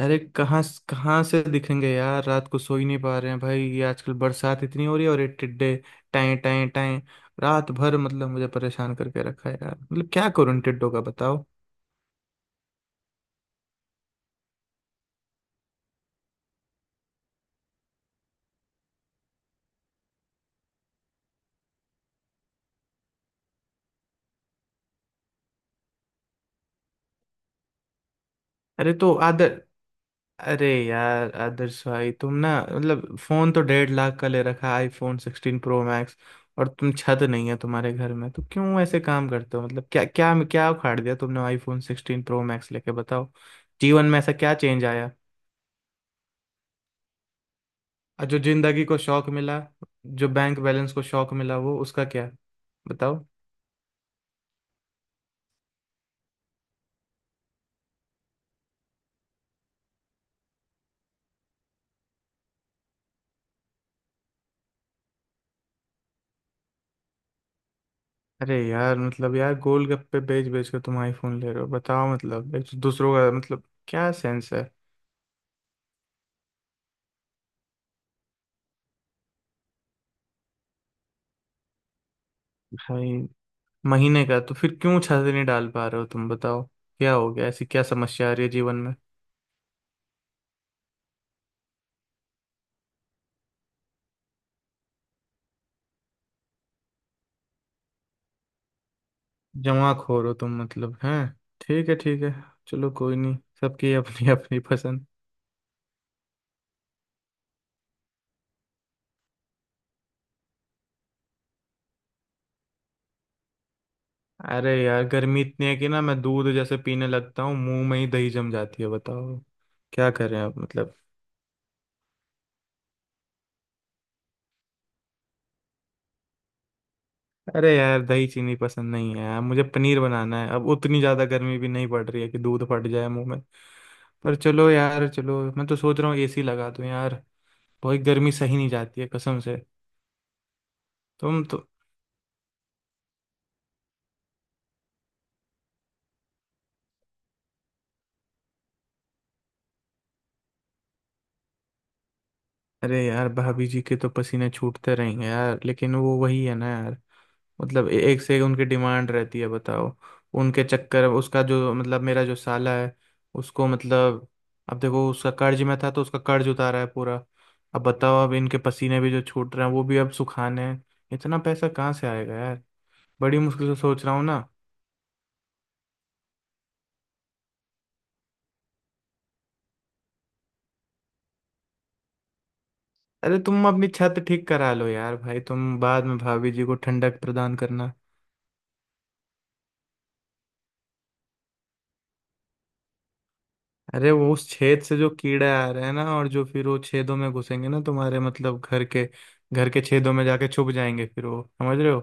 अरे कहाँ। कहाँ से दिखेंगे यार, रात को सो ही नहीं पा रहे हैं भाई। ये आजकल बरसात इतनी हो रही है और ये टिड्डे टाएं टाएं टाएं रात भर, मतलब मुझे परेशान करके रखा है यार। मतलब क्या करूं इन टिड्डों का, बताओ। अरे तो आदर अरे यार आदर्श भाई, तुम ना मतलब फोन तो 1,50,000 का ले रखा है, आईफोन 16 प्रो मैक्स। और तुम, छत नहीं है तुम्हारे घर में तो क्यों ऐसे काम करते हो? मतलब क्या क्या क्या उखाड़ दिया तुमने आईफोन 16 प्रो मैक्स लेके, बताओ। जीवन में ऐसा क्या चेंज आया? और जो जिंदगी को शौक मिला, जो बैंक बैलेंस को शौक मिला, वो उसका क्या, बताओ। अरे यार, मतलब यार गोल गप्पे बेच बेच कर तुम आईफोन ले रहे हो, बताओ। मतलब एक तो दूसरों का, मतलब क्या सेंस है। भाई, महीने का तो फिर क्यों छाते नहीं डाल पा रहे हो तुम, बताओ। क्या हो गया? ऐसी क्या समस्या आ रही है जीवन में? जमा खोर हो तुम, मतलब हैं। ठीक है, ठीक है, चलो कोई नहीं, सबकी अपनी अपनी पसंद। अरे यार गर्मी इतनी है कि ना, मैं दूध जैसे पीने लगता हूँ मुंह में ही दही जम जाती है, बताओ। क्या करें अब, मतलब। अरे यार दही चीनी पसंद नहीं है यार मुझे, पनीर बनाना है। अब उतनी ज्यादा गर्मी भी नहीं पड़ रही है कि दूध फट जाए मुंह में। पर चलो यार, चलो मैं तो सोच रहा हूँ एसी लगा दूं यार। बहुत गर्मी सही नहीं जाती है, कसम से। तुम तो। अरे यार भाभी जी के तो पसीने छूटते रहेंगे यार, लेकिन वो वही है ना यार। मतलब एक से एक उनकी डिमांड रहती है, बताओ। उनके चक्कर, उसका जो मतलब मेरा जो साला है उसको, मतलब अब देखो उसका कर्ज में था तो उसका कर्ज उतारा है पूरा। अब बताओ, अब इनके पसीने भी जो छूट रहे हैं वो भी अब सुखाने हैं। इतना पैसा कहाँ से आएगा यार। बड़ी मुश्किल से सोच रहा हूँ ना। अरे तुम अपनी छत ठीक करा लो यार भाई, तुम बाद में भाभी जी को ठंडक प्रदान करना। अरे वो उस छेद से जो कीड़े आ रहे हैं ना और जो फिर वो छेदों में घुसेंगे ना तुम्हारे, मतलब घर के, घर के छेदों में जाके छुप जाएंगे फिर वो, समझ रहे हो।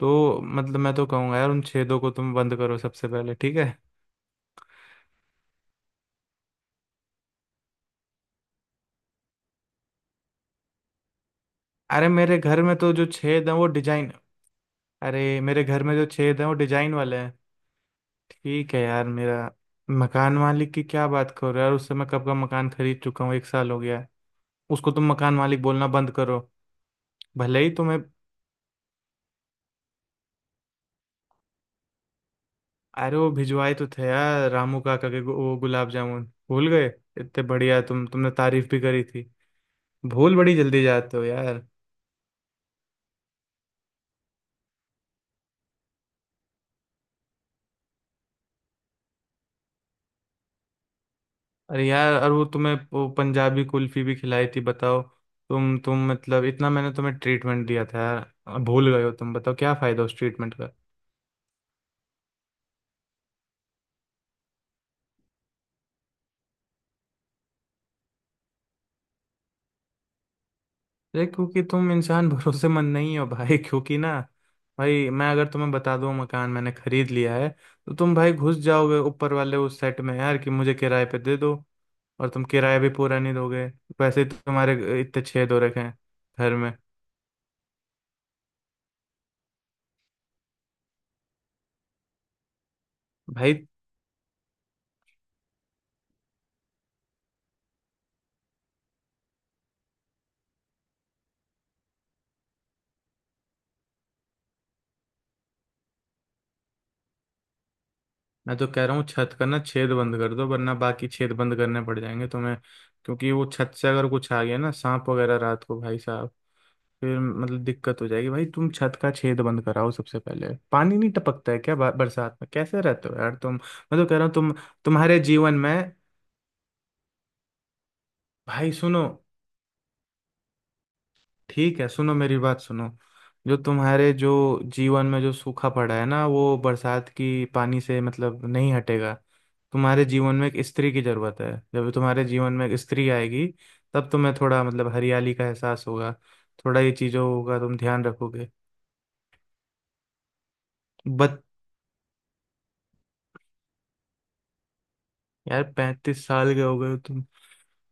तो मतलब मैं तो कहूंगा यार उन छेदों को तुम बंद करो सबसे पहले, ठीक है। अरे मेरे घर में तो जो छेद है वो डिजाइन। अरे मेरे घर में जो छेद है वो डिजाइन वाले हैं। ठीक है यार, मेरा मकान मालिक की क्या बात करो यार, उससे मैं कब का मकान खरीद चुका हूँ, 1 साल हो गया है। उसको तुम मकान मालिक बोलना बंद करो। भले ही तुम्हें। अरे वो भिजवाए तो थे यार, रामू काका के वो गुलाब जामुन, भूल गए? इतने बढ़िया, तुम तुमने तारीफ भी करी थी। भूल बड़ी जल्दी जाते हो यार। अरे यार, और वो तुम्हें वो पंजाबी कुल्फी भी खिलाई थी, बताओ। तुम मतलब इतना मैंने तुम्हें ट्रीटमेंट दिया था यार, भूल गए हो तुम, बताओ, क्या फायदा उस ट्रीटमेंट। अरे क्योंकि तुम इंसान भरोसेमंद नहीं हो भाई, क्योंकि ना, भाई मैं अगर तुम्हें बता दूं मकान मैंने खरीद लिया है, तो तुम भाई घुस जाओगे ऊपर वाले उस सेट में यार कि मुझे किराए पे दे दो। और तुम किराया भी पूरा नहीं दोगे। वैसे ही तुम्हारे इतने छेद हो रखे हैं। घर में। भाई मैं तो कह रहा हूँ छत का ना छेद बंद कर दो वरना बाकी छेद बंद करने पड़ जाएंगे तुम्हें। क्योंकि वो छत से अगर कुछ आ गया ना, सांप वगैरह रात को भाई साहब, फिर मतलब दिक्कत हो जाएगी भाई। तुम छत का छेद बंद कराओ सबसे पहले। पानी नहीं टपकता है क्या बरसात में? कैसे रहते हो यार तुम? मैं तो कह रहा हूँ तुम। तुम्हारे जीवन में। भाई सुनो, ठीक है सुनो, मेरी बात सुनो। जो जीवन में जो सूखा पड़ा है ना, वो बरसात की पानी से मतलब नहीं हटेगा। तुम्हारे जीवन में एक स्त्री की जरूरत है। जब तुम्हारे जीवन में एक स्त्री आएगी तब तुम्हें थोड़ा मतलब हरियाली का एहसास होगा। थोड़ा ये चीजों का तुम ध्यान रखोगे। बट यार, 35 साल के हो गए हो तुम।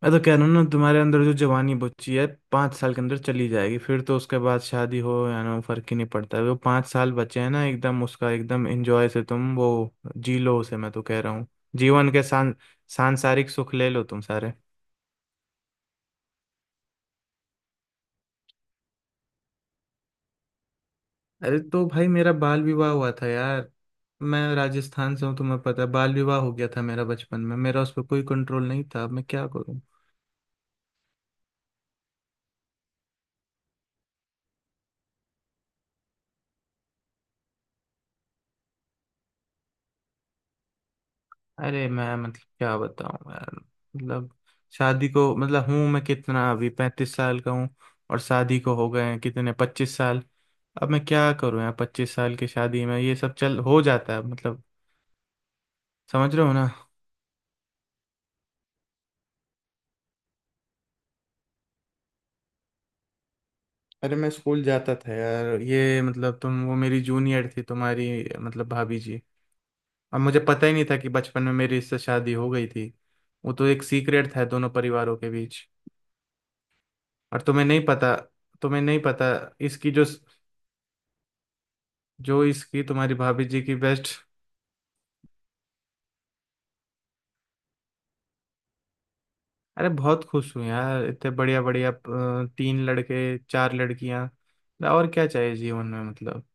मैं तो कह रहा हूँ ना, तुम्हारे अंदर जो जवानी बची है 5 साल के अंदर चली जाएगी। फिर तो उसके बाद शादी हो या ना हो, फर्क ही नहीं पड़ता है। वो पाँच साल बचे हैं ना, एकदम उसका एकदम एंजॉय से तुम वो जी लो उसे, मैं तो कह रहा हूँ। जीवन के सांसारिक सुख ले लो तुम सारे। अरे तो भाई मेरा बाल विवाह हुआ था यार, मैं राजस्थान से हूँ, तुम्हें पता है बाल विवाह हो गया था मेरा बचपन में, मेरा उस पर कोई कंट्रोल नहीं था, अब मैं क्या करूँ। अरे मैं, मतलब क्या बताऊं यार, मतलब, शादी को मतलब हूं मैं कितना, अभी 35 साल का हूँ, और शादी को हो गए हैं कितने, 25 साल। अब मैं क्या करूं यार, 25 साल की शादी में ये सब चल हो जाता है, मतलब समझ रहे हो ना। अरे मैं स्कूल जाता था यार, ये मतलब तुम वो मेरी जूनियर थी तुम्हारी, मतलब भाभी जी। अब मुझे पता ही नहीं था कि बचपन में मेरी इससे शादी हो गई थी। वो तो एक सीक्रेट था दोनों परिवारों के बीच। और तुम्हें नहीं पता, तुम्हें नहीं पता इसकी जो जो इसकी तुम्हारी भाभी जी की बेस्ट। अरे बहुत खुश हूँ यार, इतने बढ़िया बढ़िया, तीन लड़के चार लड़कियां, और क्या चाहिए जीवन में, मतलब।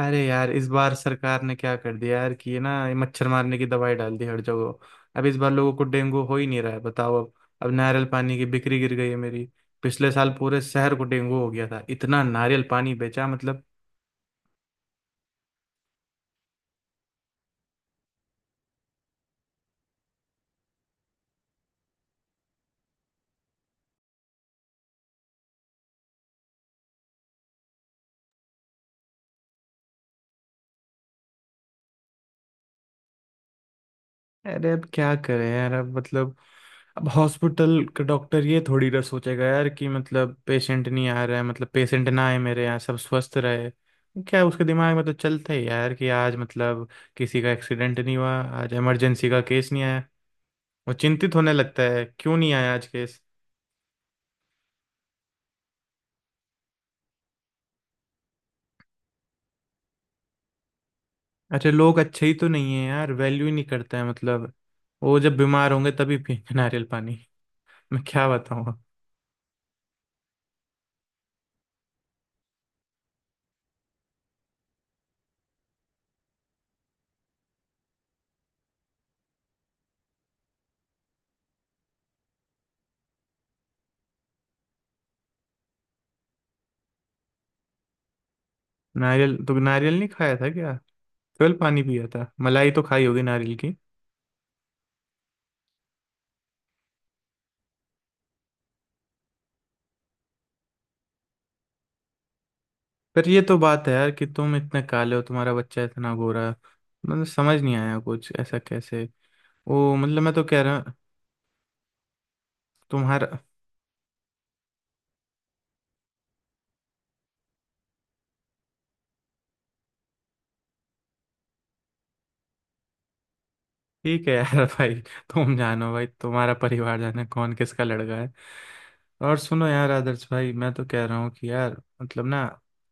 अरे यार इस बार सरकार ने क्या कर दिया यार कि ये ना, ये मच्छर मारने की दवाई डाल दी हर जगह। अब इस बार लोगों को डेंगू हो ही नहीं रहा है, बताओ अब। अब नारियल पानी की बिक्री गिर गई है मेरी। पिछले साल पूरे शहर को डेंगू हो गया था, इतना नारियल पानी बेचा, मतलब। अरे अब क्या करें यार, अब मतलब अब हॉस्पिटल का डॉक्टर ये थोड़ी ना सोचेगा यार कि मतलब पेशेंट नहीं आ रहा है, मतलब पेशेंट ना आए मेरे यहाँ, सब स्वस्थ रहे। क्या उसके दिमाग में तो चलता ही यार कि आज मतलब किसी का एक्सीडेंट नहीं हुआ, आज इमरजेंसी का केस नहीं आया। वो चिंतित होने लगता है, क्यों नहीं आया आज केस। अच्छा लोग अच्छे ही तो नहीं है यार, वैल्यू ही नहीं करते हैं, मतलब। वो जब बीमार होंगे तभी पियेंगे नारियल पानी। मैं क्या बताऊँ। नारियल तो नारियल नहीं खाया था क्या? 12 पानी पिया था, मलाई तो खाई होगी नारियल की। पर ये तो बात है यार कि तुम इतने काले हो तुम्हारा बच्चा इतना गोरा है। मतलब समझ नहीं आया, कुछ ऐसा कैसे। वो मतलब मैं तो कह रहा हूँ तुम्हारा। ठीक है यार भाई, तुम जानो भाई तुम्हारा परिवार जाने कौन किसका लड़का है। और सुनो यार आदर्श भाई, मैं तो कह रहा हूँ कि यार मतलब ना,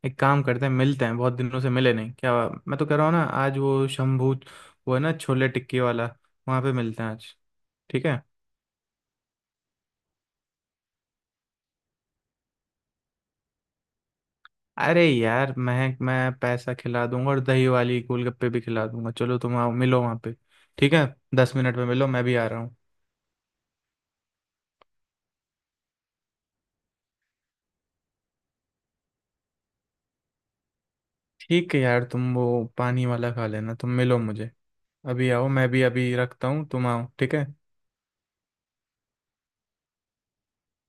एक काम करते हैं, मिलते हैं बहुत दिनों से मिले नहीं क्या। मैं तो कह रहा हूँ ना, आज वो शंभू, वो है ना छोले टिक्की वाला, वहां पे मिलते हैं आज, ठीक है। अरे यार मैं पैसा खिला दूंगा और दही वाली गोलगप्पे भी खिला दूंगा, चलो तुम आओ मिलो वहां पे, ठीक है। 10 मिनट में मिलो, मैं भी आ रहा हूँ। ठीक है यार तुम वो पानी वाला खा लेना, तुम मिलो मुझे, अभी आओ, मैं भी अभी रखता हूँ, तुम आओ, ठीक है।